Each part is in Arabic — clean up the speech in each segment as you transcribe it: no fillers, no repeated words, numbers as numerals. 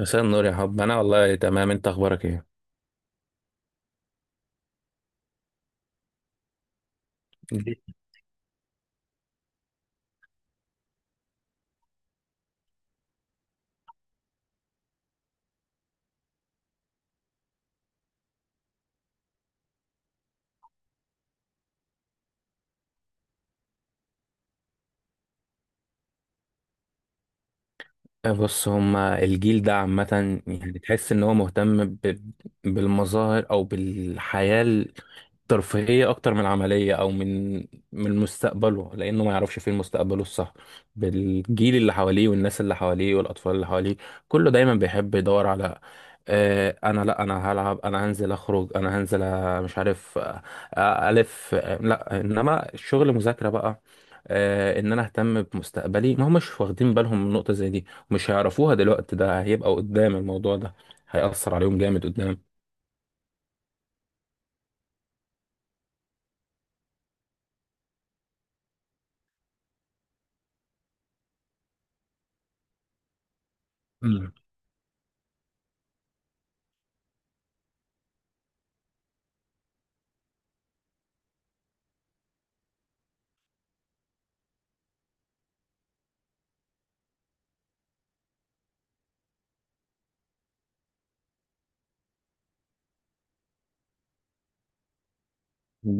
مساء النور يا حب، انا والله تمام. انت اخبارك ايه؟ الجيل- بص، هما الجيل ده عامة. يعني تحس ان هو مهتم بالمظاهر او بالحياة ترفيهية أكتر من عملية، أو من مستقبله، لأنه ما يعرفش فين مستقبله الصح، بالجيل اللي حواليه والناس اللي حواليه والأطفال اللي حواليه. كله دايما بيحب يدور على آه، أنا لأ، أنا هلعب، أنا هنزل أخرج، أنا هنزل، مش عارف، ألف، لأ، إنما الشغل مذاكرة بقى. إن أنا أهتم بمستقبلي، ما همش واخدين بالهم من نقطة زي دي، مش هيعرفوها دلوقتي. ده هيبقى قدام، الموضوع ده هيأثر عليهم جامد قدام. مم.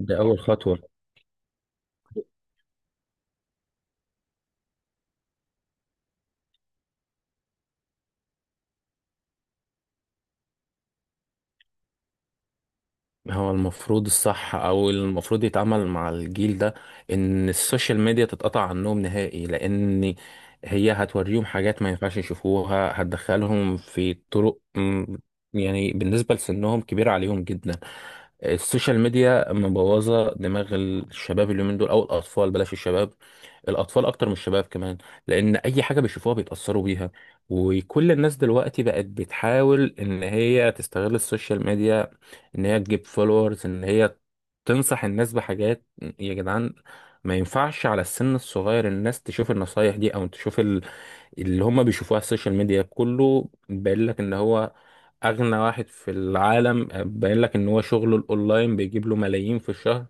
دي أول خطوة. هو المفروض الصح، او المفروض يتعامل مع الجيل ده ان السوشيال ميديا تتقطع عنهم نهائي، لان هي هتوريهم حاجات ما ينفعش يشوفوها، هتدخلهم في طرق يعني بالنسبة لسنهم كبيرة عليهم جدا. السوشيال ميديا مبوظة دماغ الشباب اليومين دول، او الاطفال بلاش الشباب، الاطفال اكتر من الشباب كمان، لان اي حاجه بيشوفوها بيتاثروا بيها. وكل الناس دلوقتي بقت بتحاول ان هي تستغل السوشيال ميديا، ان هي تجيب فولورز، ان هي تنصح الناس بحاجات. يا جدعان، ما ينفعش على السن الصغير الناس تشوف النصايح دي او تشوف اللي هم بيشوفوها على السوشيال ميديا. كله باين لك ان هو اغنى واحد في العالم، باين لك ان هو شغله الاونلاين بيجيب له ملايين في الشهر.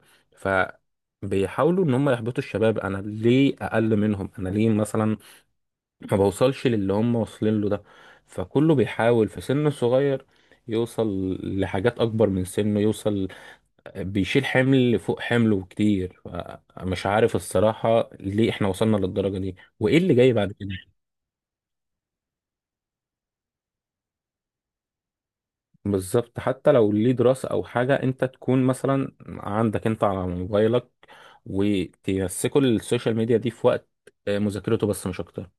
بيحاولوا ان هم يحبطوا الشباب. انا ليه اقل منهم؟ انا ليه مثلا ما بوصلش للي هم واصلين له ده؟ فكله بيحاول في سن صغير يوصل لحاجات اكبر من سنه، يوصل بيشيل حمل فوق حمله كتير. مش عارف الصراحة ليه احنا وصلنا للدرجة دي وايه اللي جاي بعد كده. بالظبط، حتى لو ليه دراسة او حاجة، انت تكون مثلا عندك انت على موبايلك، وتمسكوا السوشيال ميديا دي في وقت مذاكرته بس مش اكتر.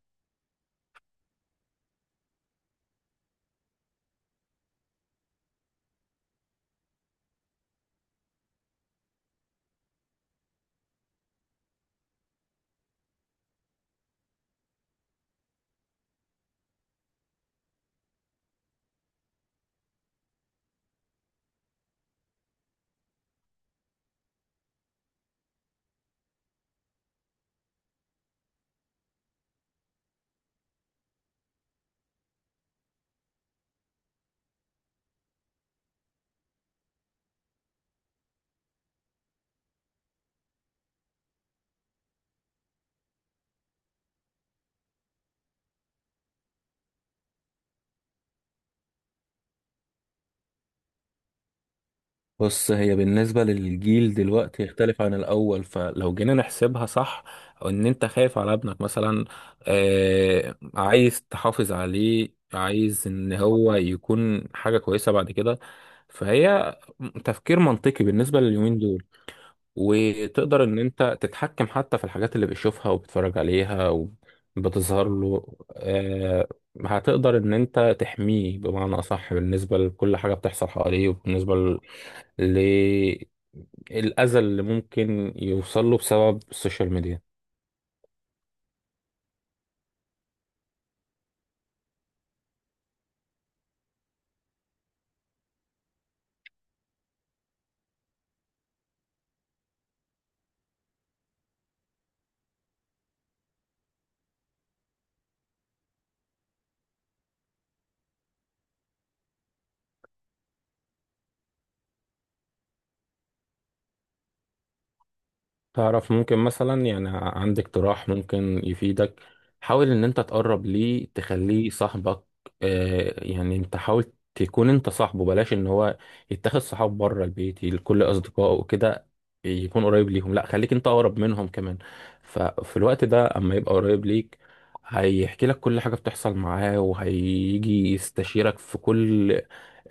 بص، هي بالنسبة للجيل دلوقتي يختلف عن الأول، فلو جينا نحسبها صح، أو إن أنت خايف على ابنك مثلا، عايز تحافظ عليه، عايز إن هو يكون حاجة كويسة بعد كده، فهي تفكير منطقي بالنسبة لليومين دول. وتقدر إن أنت تتحكم حتى في الحاجات اللي بيشوفها وبيتفرج عليها وبتظهر له. آه هتقدر إن أنت تحميه بمعنى أصح، بالنسبة لكل حاجة بتحصل حواليه وبالنسبة للأذى اللي ممكن يوصل له بسبب السوشيال ميديا. تعرف ممكن مثلا، يعني عندك اقتراح ممكن يفيدك، حاول ان انت تقرب ليه، تخليه صاحبك. يعني انت حاول تكون انت صاحبه، بلاش ان هو يتخذ صحاب بره البيت لكل اصدقائه وكده، يكون قريب ليهم. لا، خليك انت اقرب منهم كمان. ففي الوقت ده، اما يبقى قريب ليك، هيحكي لك كل حاجة بتحصل معاه، وهيجي يستشيرك في كل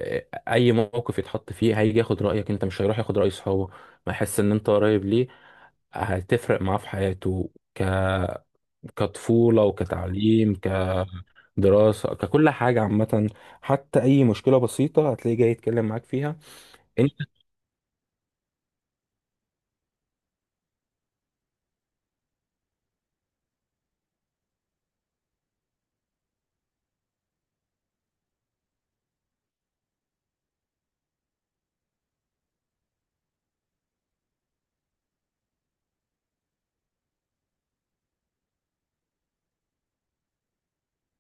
اي موقف يتحط فيه. هيجي ياخد رأيك انت، مش هيروح ياخد رأي صحابه. ما يحس ان انت قريب ليه، هتفرق معاه في حياته كطفولة وكتعليم كدراسة ككل حاجة عامة. حتى أي مشكلة بسيطة هتلاقيه جاي يتكلم معاك فيها.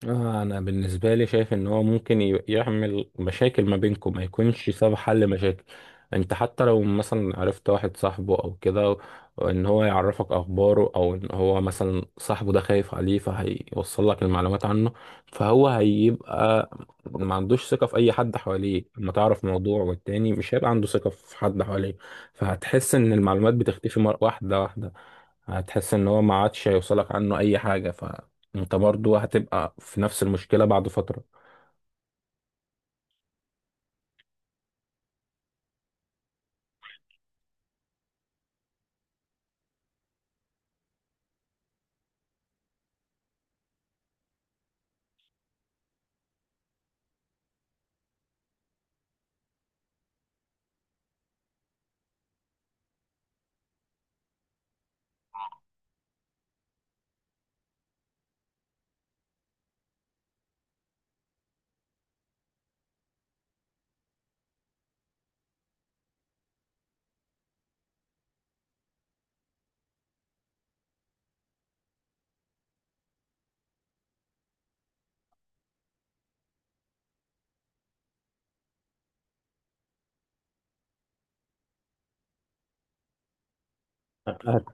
انا بالنسبه لي شايف ان هو ممكن يعمل مشاكل ما بينكم، ما يكونش سبب حل مشاكل. انت حتى لو مثلا عرفت واحد صاحبه او كده ان هو يعرفك اخباره، او ان هو مثلا صاحبه ده خايف عليه فهيوصل لك المعلومات عنه، فهو هيبقى ما عندوش ثقه في اي حد حواليه. لما تعرف موضوع والتاني مش هيبقى عنده ثقه في حد حواليه، فهتحس ان المعلومات بتختفي مره، واحده واحده. هتحس ان هو ما عادش هيوصلك عنه اي حاجه، انت برضو هتبقى في نفس المشكلة بعد فترة. أكيد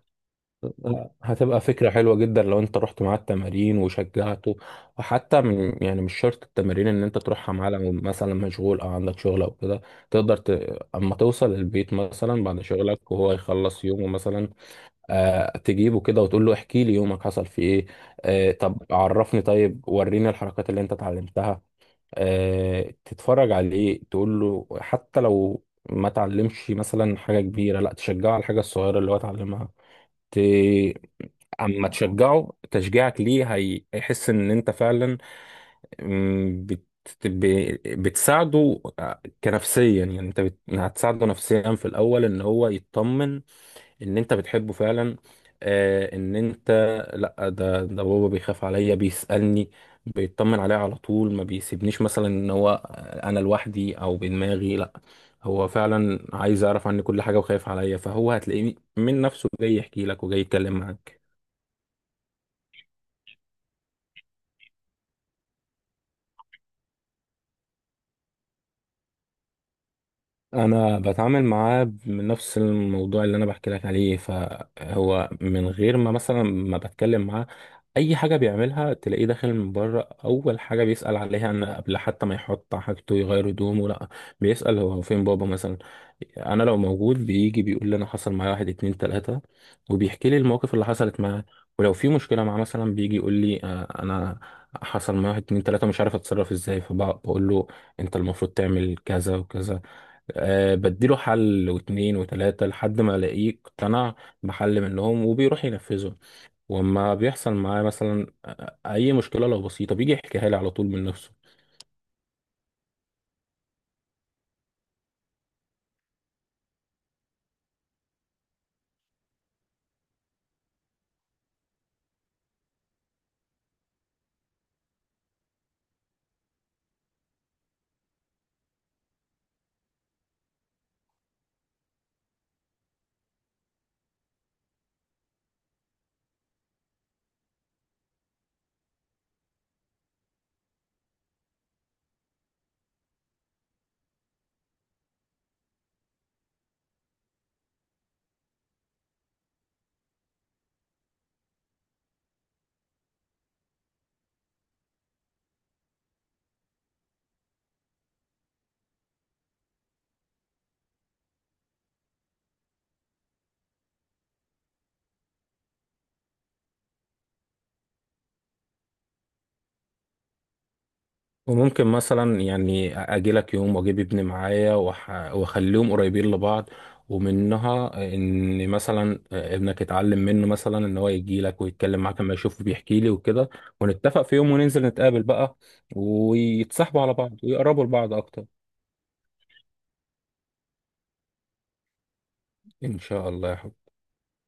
هتبقى فكرة حلوة جدا لو انت رحت معاه التمارين وشجعته. وحتى من يعني مش شرط التمارين ان انت تروحها معاه، لو مثلا مشغول او عندك شغل او كده، تقدر اما توصل البيت مثلا بعد شغلك وهو يخلص يومه مثلا، تجيبه كده وتقول له احكي لي يومك حصل فيه ايه. طب عرفني، طيب وريني الحركات اللي انت اتعلمتها. تتفرج عليه تقول له، حتى لو ما تعلمش مثلا حاجة كبيرة، لا تشجعه على الحاجة الصغيرة اللي هو اتعلمها. ت... اما تشجعه، تشجيعك ليه هيحس ان انت فعلا مم، بت... ب... بتساعده، كنفسيا. يعني انت هتساعده نفسيا في الاول، ان هو يطمن ان انت بتحبه فعلا. ان انت، لا ده بابا بيخاف عليا، بيسألني، بيطمن عليا على طول، ما بيسيبنيش مثلا ان هو انا لوحدي او بدماغي. لا، هو فعلا عايز يعرف عني كل حاجة وخايف عليا، فهو هتلاقيه من نفسه جاي يحكي لك وجاي يتكلم معاك. انا بتعامل معاه من نفس الموضوع اللي انا بحكي لك عليه، فهو من غير ما مثلا ما بتكلم معاه اي حاجه بيعملها، تلاقيه داخل من بره اول حاجه بيسال عليها. ان قبل حتى ما يحط حاجته يغير هدومه، لا، بيسال هو فين بابا مثلا. انا لو موجود بيجي بيقول لي انا حصل معايا واحد اتنين تلاته، وبيحكي لي المواقف اللي حصلت معاه. ولو في مشكله معاه مثلا بيجي يقول لي انا حصل معايا واحد اتنين تلاته مش عارف اتصرف ازاي، فبقول له انت المفروض تعمل كذا وكذا. أه، بديله حل واتنين وتلاتة لحد ما الاقيه اقتنع بحل منهم وبيروح ينفذه. وما بيحصل معاه مثلا اي مشكلة لو بسيطة بيجي يحكيها لي على طول من نفسه. وممكن مثلا يعني اجي لك يوم واجيب ابني معايا، واخليهم قريبين لبعض، ومنها ان مثلا ابنك يتعلم منه مثلا ان هو يجي لك ويتكلم معاك لما يشوفه بيحكي لي وكده. ونتفق في يوم وننزل نتقابل بقى ويتصاحبوا على بعض ويقربوا لبعض اكتر. ان شاء الله يا حبيبي.